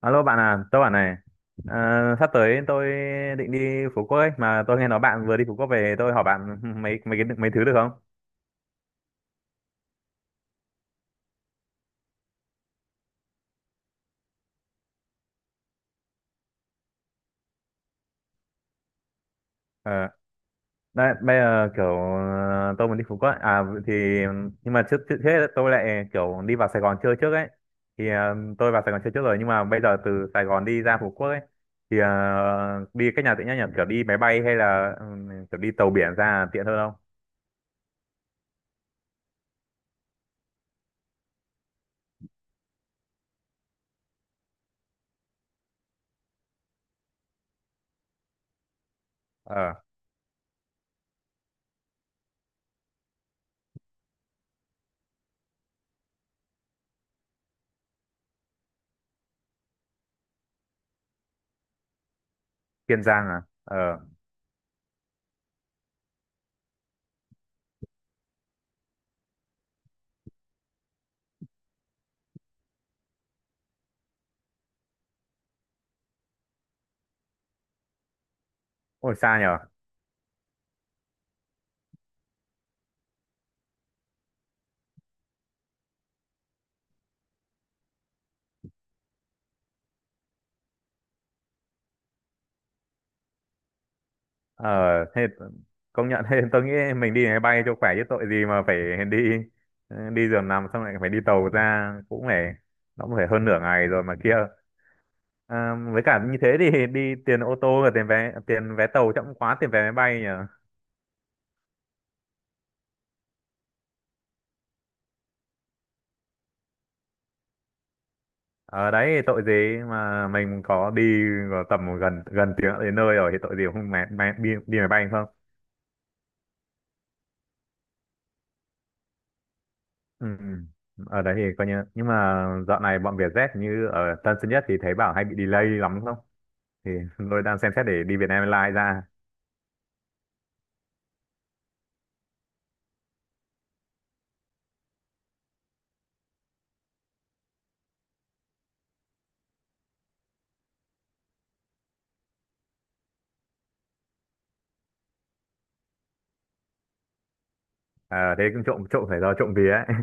Alo bạn à, tôi bảo này, ờ, sắp tới tôi định đi Phú Quốc ấy, mà tôi nghe nói bạn vừa đi Phú Quốc về, tôi hỏi bạn mấy mấy cái mấy thứ được không? Ờ, đấy, bây giờ kiểu tôi muốn đi Phú Quốc, ấy. À thì nhưng mà trước trước hết ấy, tôi lại kiểu đi vào Sài Gòn chơi trước ấy, thì tôi vào Sài Gòn chơi trước rồi nhưng mà bây giờ từ Sài Gòn đi ra Phú Quốc ấy, thì đi cách nào tiện nhất nhỉ? Kiểu đi máy bay hay là kiểu đi tàu biển ra là tiện hơn không? Ờ, Kiên Giang à? Ờ, ôi xa nhỉ? Ờ thế công nhận thế tôi nghĩ mình đi máy bay cho khỏe chứ tội gì mà phải đi đi giường nằm xong lại phải đi tàu ra cũng phải nó cũng phải hơn nửa ngày rồi mà kia. À, với cả như thế thì đi tiền ô tô và tiền vé tàu chậm quá tiền vé máy bay nhỉ. Ở đấy thì tội gì mà mình có đi vào tầm gần gần tiếng đến nơi rồi thì tội gì mà không máy, máy, đi, đi máy bay không. Ừ. Ở đấy thì coi như nhưng mà dạo này bọn Vietjet như ở Tân Sơn Nhất thì thấy bảo hay bị delay lắm không thì tôi đang xem xét để đi Việt Nam Airlines ra. À, thế cũng trộm trộm phải do trộm vía ấy.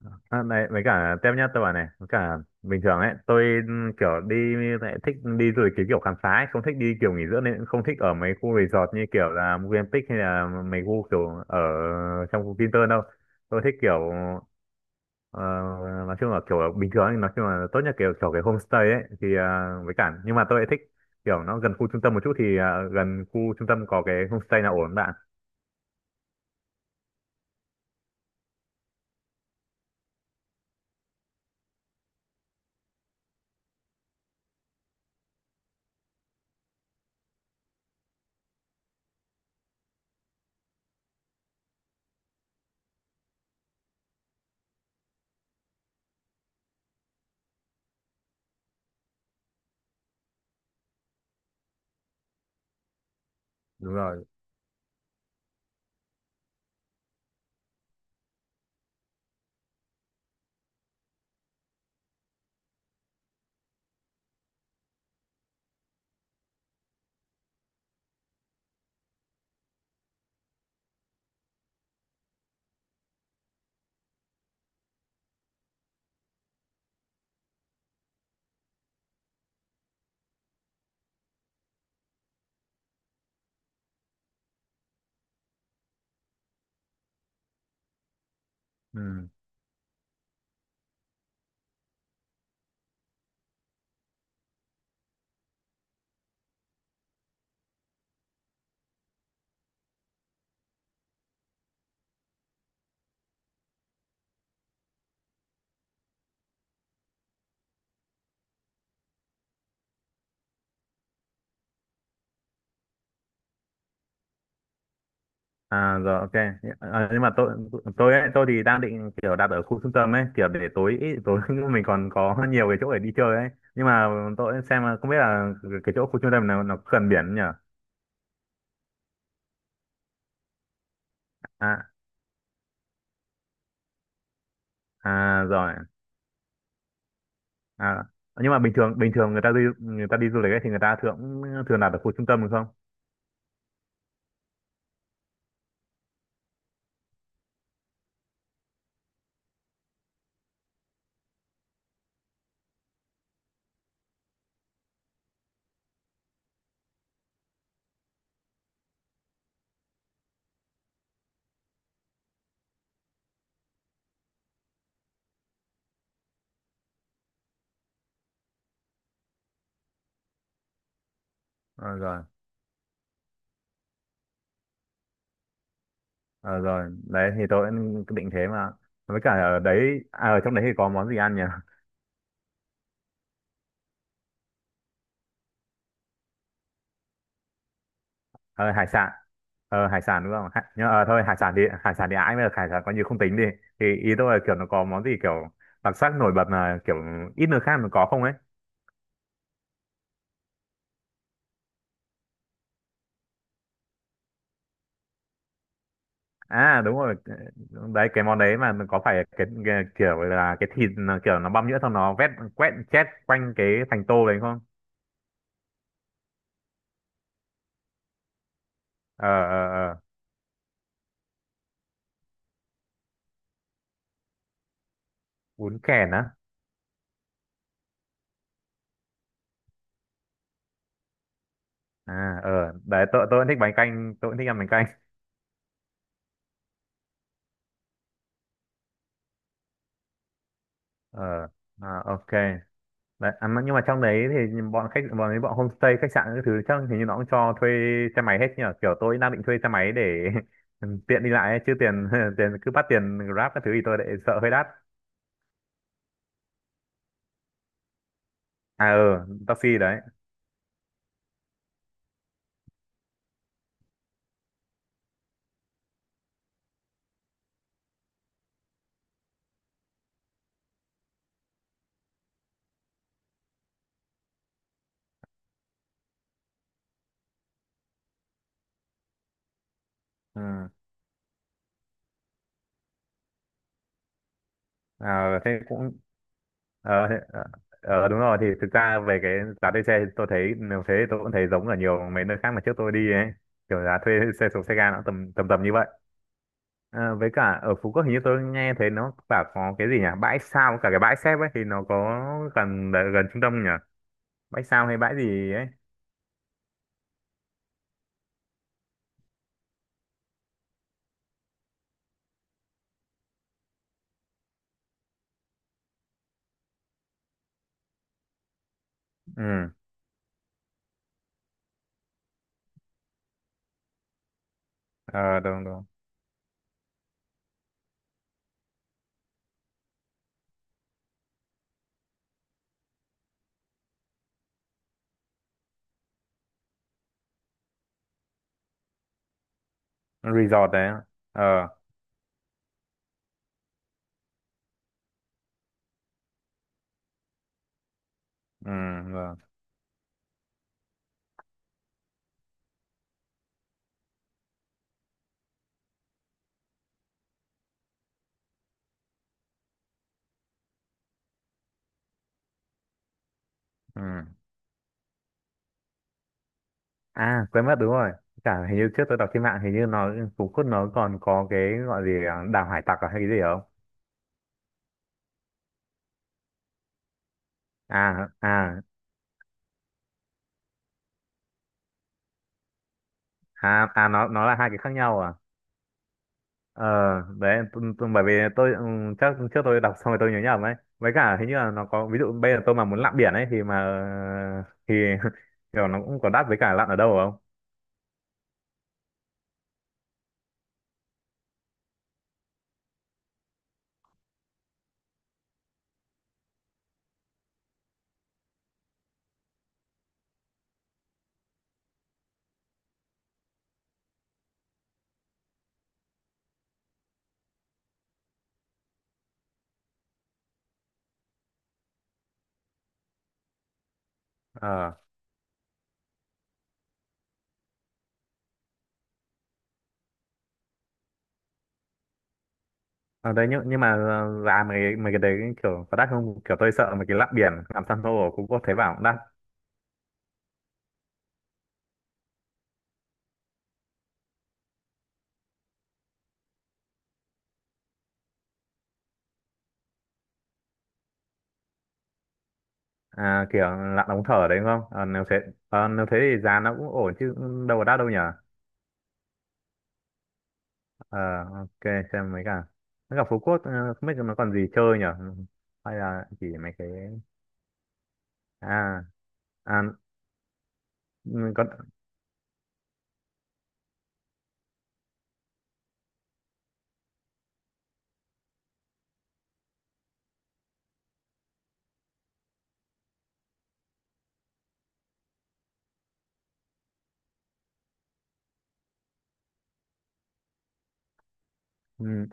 À, này với cả tiếp nhá tôi bảo này với cả bình thường ấy tôi kiểu đi lại thích đi du lịch cái kiểu khám phá ấy, không thích đi kiểu nghỉ dưỡng nên cũng không thích ở mấy khu resort như kiểu là Movenpick hay là mấy khu kiểu ở trong khu Vinpearl đâu. Tôi thích kiểu ờ, nói chung là kiểu bình thường ấy, nói chung là tốt nhất kiểu kiểu cái homestay ấy thì à, với cả nhưng mà tôi lại thích kiểu nó gần khu trung tâm một chút thì à, gần khu trung tâm có cái homestay nào ổn bạn? Đúng rồi. Ừ. À rồi, ok. Ờ, nhưng mà tôi ấy, tôi thì đang định kiểu đặt ở khu trung tâm ấy, kiểu để tối tối mình còn có nhiều cái chỗ để đi chơi ấy. Nhưng mà tôi xem là không biết là cái chỗ khu trung tâm nào nó có gần biển không nhỉ? À, à rồi. À nhưng mà bình thường người ta đi du lịch ấy thì người ta thường thường đặt ở khu trung tâm đúng không? Ờ, rồi. Ờ, rồi, đấy thì tôi cũng định thế mà. Với cả ở đấy à, ở trong đấy thì có món gì ăn nhỉ? Ờ, Hải sản. Hải sản đúng không? Nhưng mà thôi hải sản thì ái mới được hải sản coi như không tính đi thì ý tôi là kiểu nó có món gì kiểu đặc sắc nổi bật là kiểu ít nơi khác nó có không ấy. À đúng rồi. Đấy cái món đấy mà có phải cái kiểu là cái thịt nó kiểu nó băm nhuyễn xong nó vét quét chét quanh cái thành tô đấy không? Ờ ờ ờ. Bún kèn á. À ờ đấy tôi cũng thích bánh canh tôi cũng thích ăn bánh canh. Ờ. À, ok. Đấy, à, nhưng mà trong đấy thì bọn homestay khách sạn các thứ chắc hình như nó cũng cho thuê xe máy hết nhỉ kiểu tôi đang định thuê xe máy để tiện đi lại ấy, chứ tiền tiền cứ bắt tiền Grab các thứ thì tôi lại sợ hơi đắt. À ừ. Taxi đấy. Ừ. À, thế cũng ờ thế- ờ, đúng rồi thì thực ra về cái giá thuê xe thì tôi thấy nếu thế thì tôi cũng thấy giống ở nhiều mấy nơi khác mà trước tôi đi ấy kiểu giá thuê xe số xe ga nó tầm tầm tầm như vậy. Ờ, với cả ở Phú Quốc hình như tôi nghe thấy nó bảo có cái gì nhỉ bãi sao cả cái bãi xếp ấy thì nó có gần gần trung tâm nhỉ, bãi sao hay bãi gì ấy. Ừ. Ờ đúng đúng. Resort đấy. Ờ. Ừ rồi. Ừ. À quên mất, đúng rồi, cả hình như trước tôi đọc trên mạng hình như Phú Quốc nó còn có cái gọi gì à, Đảo Hải Tặc à, hay cái gì không? À à à à nó là hai cái khác nhau à? Ờ, đấy, bởi vì tôi chắc trước tôi đọc xong rồi tôi nhớ nhầm ấy. Với cả hình như là nó có, ví dụ bây giờ tôi mà muốn lặn biển ấy thì mà, thì kiểu nó cũng có đắt với cả lặn ở đâu không? Ờ. Ờ, đấy nhưng mà giá mấy cái đấy kiểu có đắt không? Kiểu tôi sợ mấy cái lặn biển, làm san hô ở Phú Quốc thấy bảo cũng đắt. À, kiểu lặn ống thở đấy đúng không? Ờ, nếu thế thì giá nó cũng ổn chứ đâu có đắt đâu nhở? Ờ, ok, xem mấy cả. Mấy cả Phú Quốc, không biết nó còn gì chơi nhở? Hay là chỉ mấy cái... À à ừ, có ừ,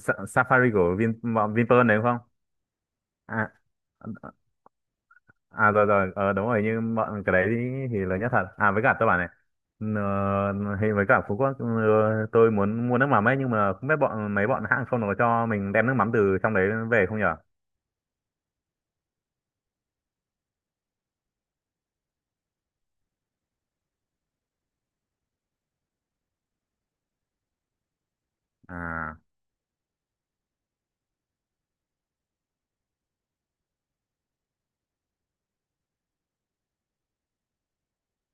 Safari của bọn Vinpearl đấy đúng không? À à rồi rồi, ờ, đúng rồi nhưng bọn cái đấy thì lớn nhất thật à, với cả tôi bảo này thì với cả Phú Quốc tôi muốn mua nước mắm ấy nhưng mà không biết bọn hãng không nó có cho mình đem nước mắm từ trong đấy về không nhở. À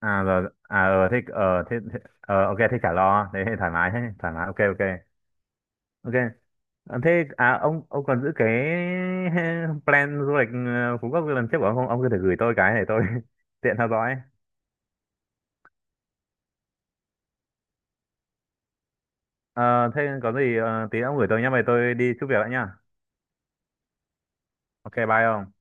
à rồi à ờ thế, thế ờ, ok thế chả lo, thế thì thoải mái, thế thoải mái, ok ok ok. À, thế à ông còn giữ cái plan du lịch Phú Quốc lần trước của ông không? Ông có thể gửi tôi cái để tôi tiện theo dõi. Ờ, thế có gì tí ông gửi tôi nhé, vậy tôi đi chút việc đã nhá. Ok bye ông.